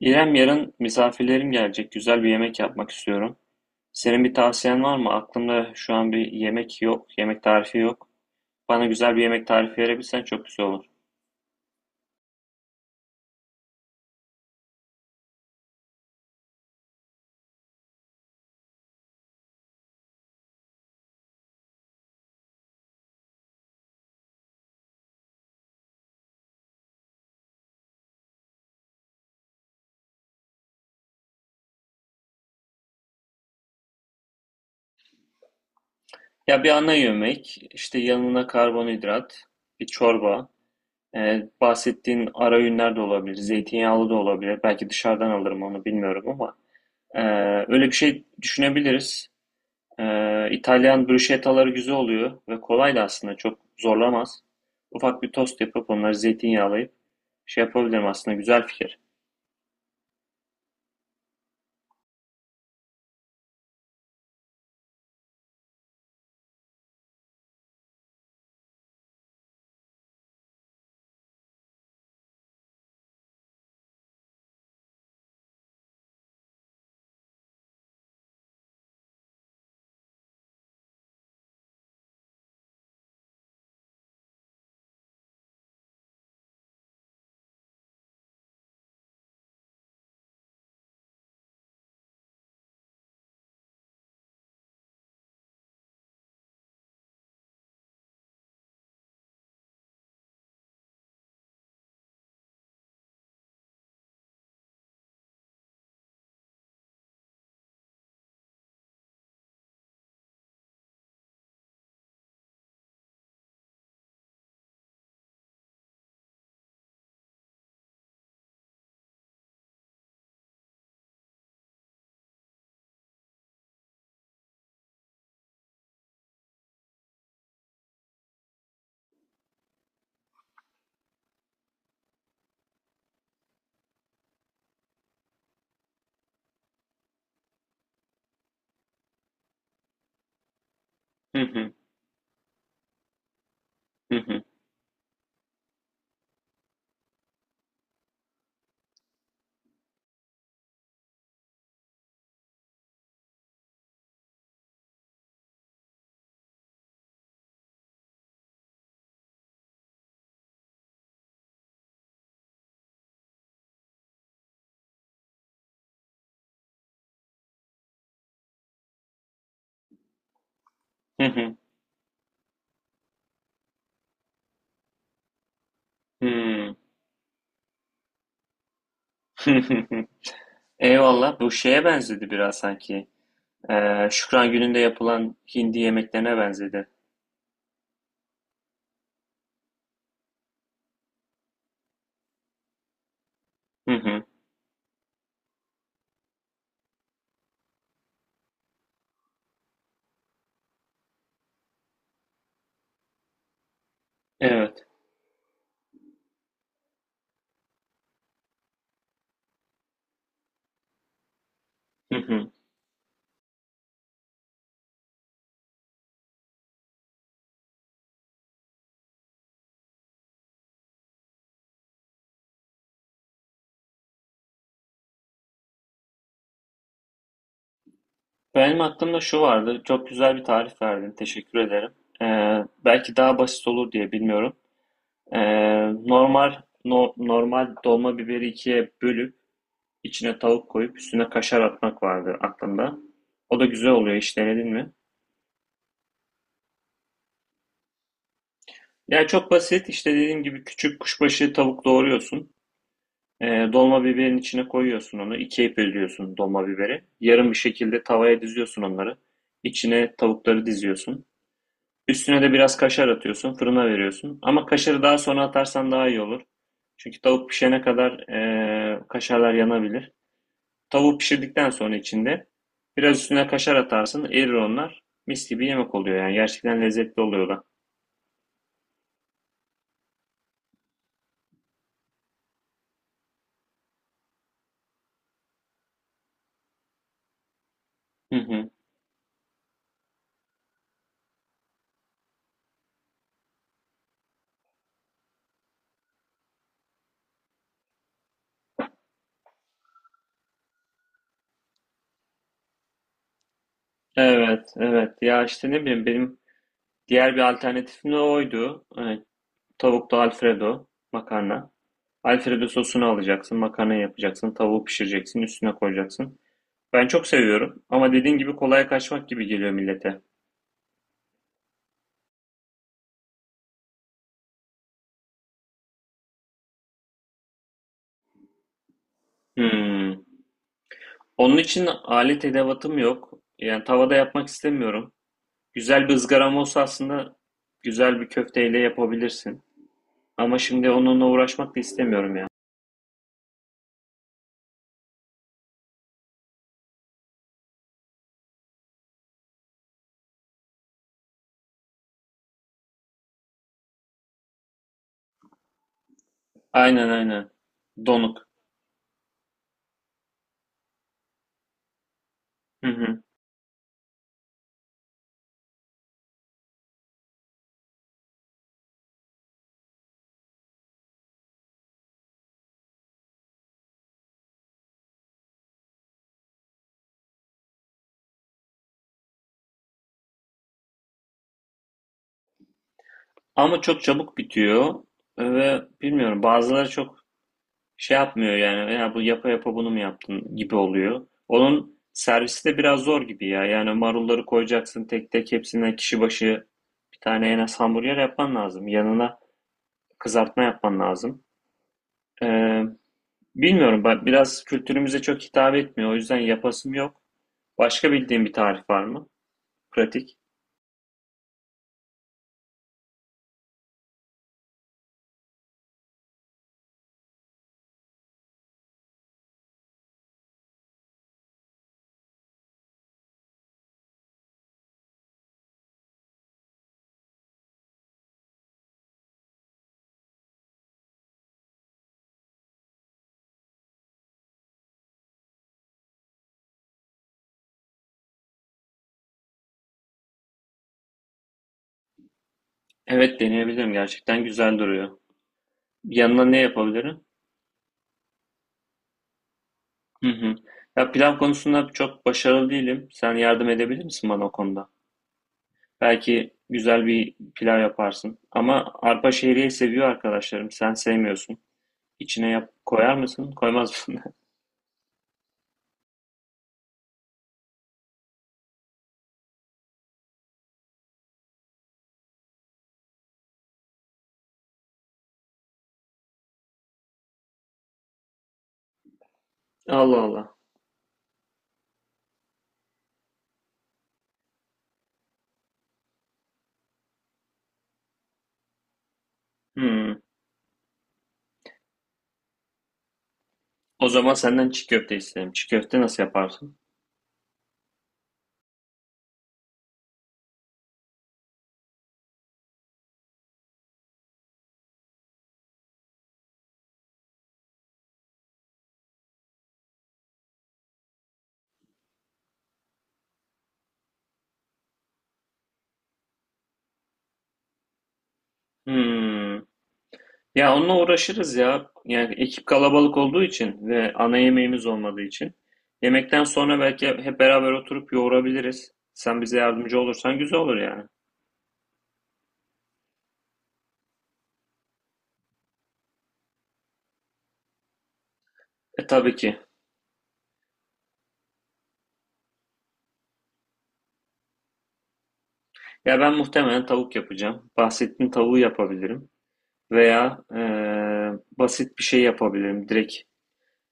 İrem, yarın misafirlerim gelecek. Güzel bir yemek yapmak istiyorum. Senin bir tavsiyen var mı? Aklımda şu an bir yemek yok, yemek tarifi yok. Bana güzel bir yemek tarifi verebilsen çok güzel olur. Ya bir ana yemek, işte yanına karbonhidrat, bir çorba, bahsettiğin ara öğünler de olabilir, zeytinyağlı da olabilir. Belki dışarıdan alırım onu bilmiyorum ama e, öyle bir şey düşünebiliriz. İtalyan bruschettaları güzel oluyor ve kolay da aslında çok zorlamaz. Ufak bir tost yapıp onları zeytinyağlayıp şey yapabilirim aslında güzel fikir. Hı hı. Hı hı. Hı hı. hı Eyvallah bu şeye benzedi biraz sanki. Şükran gününde yapılan hindi yemeklerine benzedi. Hı hı. Evet. Hı hı. Benim aklımda şu vardı. Çok güzel bir tarif verdin. Teşekkür ederim. Belki daha basit olur diye bilmiyorum. Ee, normal normal dolma biberi ikiye bölüp içine tavuk koyup üstüne kaşar atmak vardı aklımda. O da güzel oluyor, hiç denedin mi? Yani çok basit, işte dediğim gibi küçük kuşbaşı tavuk doğruyorsun. Dolma biberin içine koyuyorsun onu. İkiye bölüyorsun dolma biberi. Yarım bir şekilde tavaya diziyorsun onları. İçine tavukları diziyorsun. Üstüne de biraz kaşar atıyorsun. Fırına veriyorsun. Ama kaşarı daha sonra atarsan daha iyi olur. Çünkü tavuk pişene kadar kaşarlar yanabilir. Tavuğu pişirdikten sonra içinde biraz üstüne kaşar atarsın, erir onlar. Mis gibi yemek oluyor yani, gerçekten lezzetli oluyor da. Hı hı. Evet, evet. Ya işte ne bileyim, benim diğer bir alternatifim de oydu. Evet, tavuklu Alfredo makarna. Alfredo sosunu alacaksın, makarna yapacaksın, tavuğu pişireceksin, üstüne koyacaksın. Ben çok seviyorum ama dediğin gibi kolaya kaçmak gibi geliyor millete. Hmm. Onun için alet edevatım yok. Yani tavada yapmak istemiyorum. Güzel bir ızgaram olsa aslında güzel bir köfteyle yapabilirsin. Ama şimdi onunla uğraşmak da istemiyorum ya. Aynen aynen. Donuk. Hı hı. Ama çok çabuk bitiyor ve bilmiyorum, bazıları çok şey yapmıyor yani, ya bu yapa yapa bunu mu yaptın gibi oluyor. Onun servisi de biraz zor gibi ya. Yani marulları koyacaksın tek tek, hepsinden kişi başı bir tane en az hamburger yapman lazım. Yanına kızartma yapman lazım. Ee, Bilmiyorum, ben biraz, kültürümüze çok hitap etmiyor. O yüzden yapasım yok. Başka bildiğin bir tarif var mı? Pratik. Evet, deneyebilirim. Gerçekten güzel duruyor. Yanına ne yapabilirim? Hı hı. Ya pilav konusunda çok başarılı değilim. Sen yardım edebilir misin bana o konuda? Belki güzel bir pilav yaparsın. Ama arpa şehriye seviyor arkadaşlarım. Sen sevmiyorsun. İçine yap, koyar mısın? Koymaz mısın? Allah Allah. Hmm. O zaman senden çiğ köfte isterim. Çiğ köfte nasıl yaparsın? Hmm. Ya onunla uğraşırız ya. Yani ekip kalabalık olduğu için ve ana yemeğimiz olmadığı için. Yemekten sonra belki hep beraber oturup yoğurabiliriz. Sen bize yardımcı olursan güzel olur yani. E tabii ki. Ya ben muhtemelen tavuk yapacağım. Bahsettiğin tavuğu yapabilirim. Veya basit bir şey yapabilirim. Direkt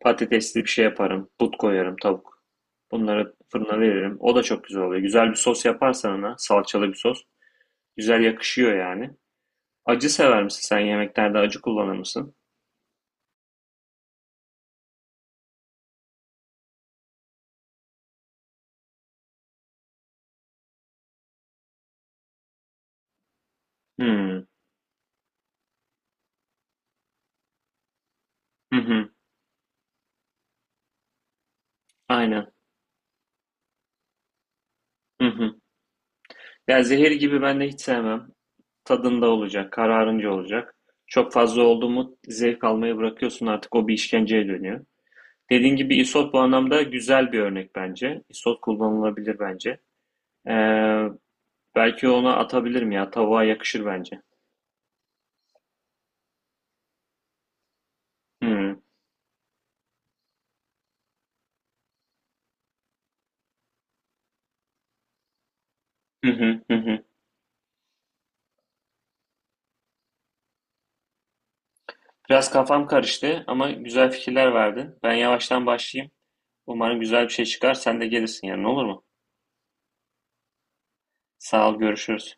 patatesli bir şey yaparım. But koyarım tavuk. Bunları fırına veririm. O da çok güzel oluyor. Güzel bir sos yaparsan ona, salçalı bir sos. Güzel yakışıyor yani. Acı sever misin, sen yemeklerde acı kullanır mısın? Hımm. Hı hı. Aynen. Hı hı. Ya zehir gibi ben de hiç sevmem. Tadında olacak, kararınca olacak. Çok fazla oldu mu zevk almayı bırakıyorsun, artık o bir işkenceye dönüyor. Dediğin gibi isot bu anlamda güzel bir örnek bence. Isot kullanılabilir bence. Ee, belki ona atabilirim ya. Tavuğa yakışır bence. Hı. Hı hı. Hı hı. Biraz kafam karıştı ama güzel fikirler verdin. Ben yavaştan başlayayım. Umarım güzel bir şey çıkar. Sen de gelirsin yani, olur mu? Sağ ol, görüşürüz.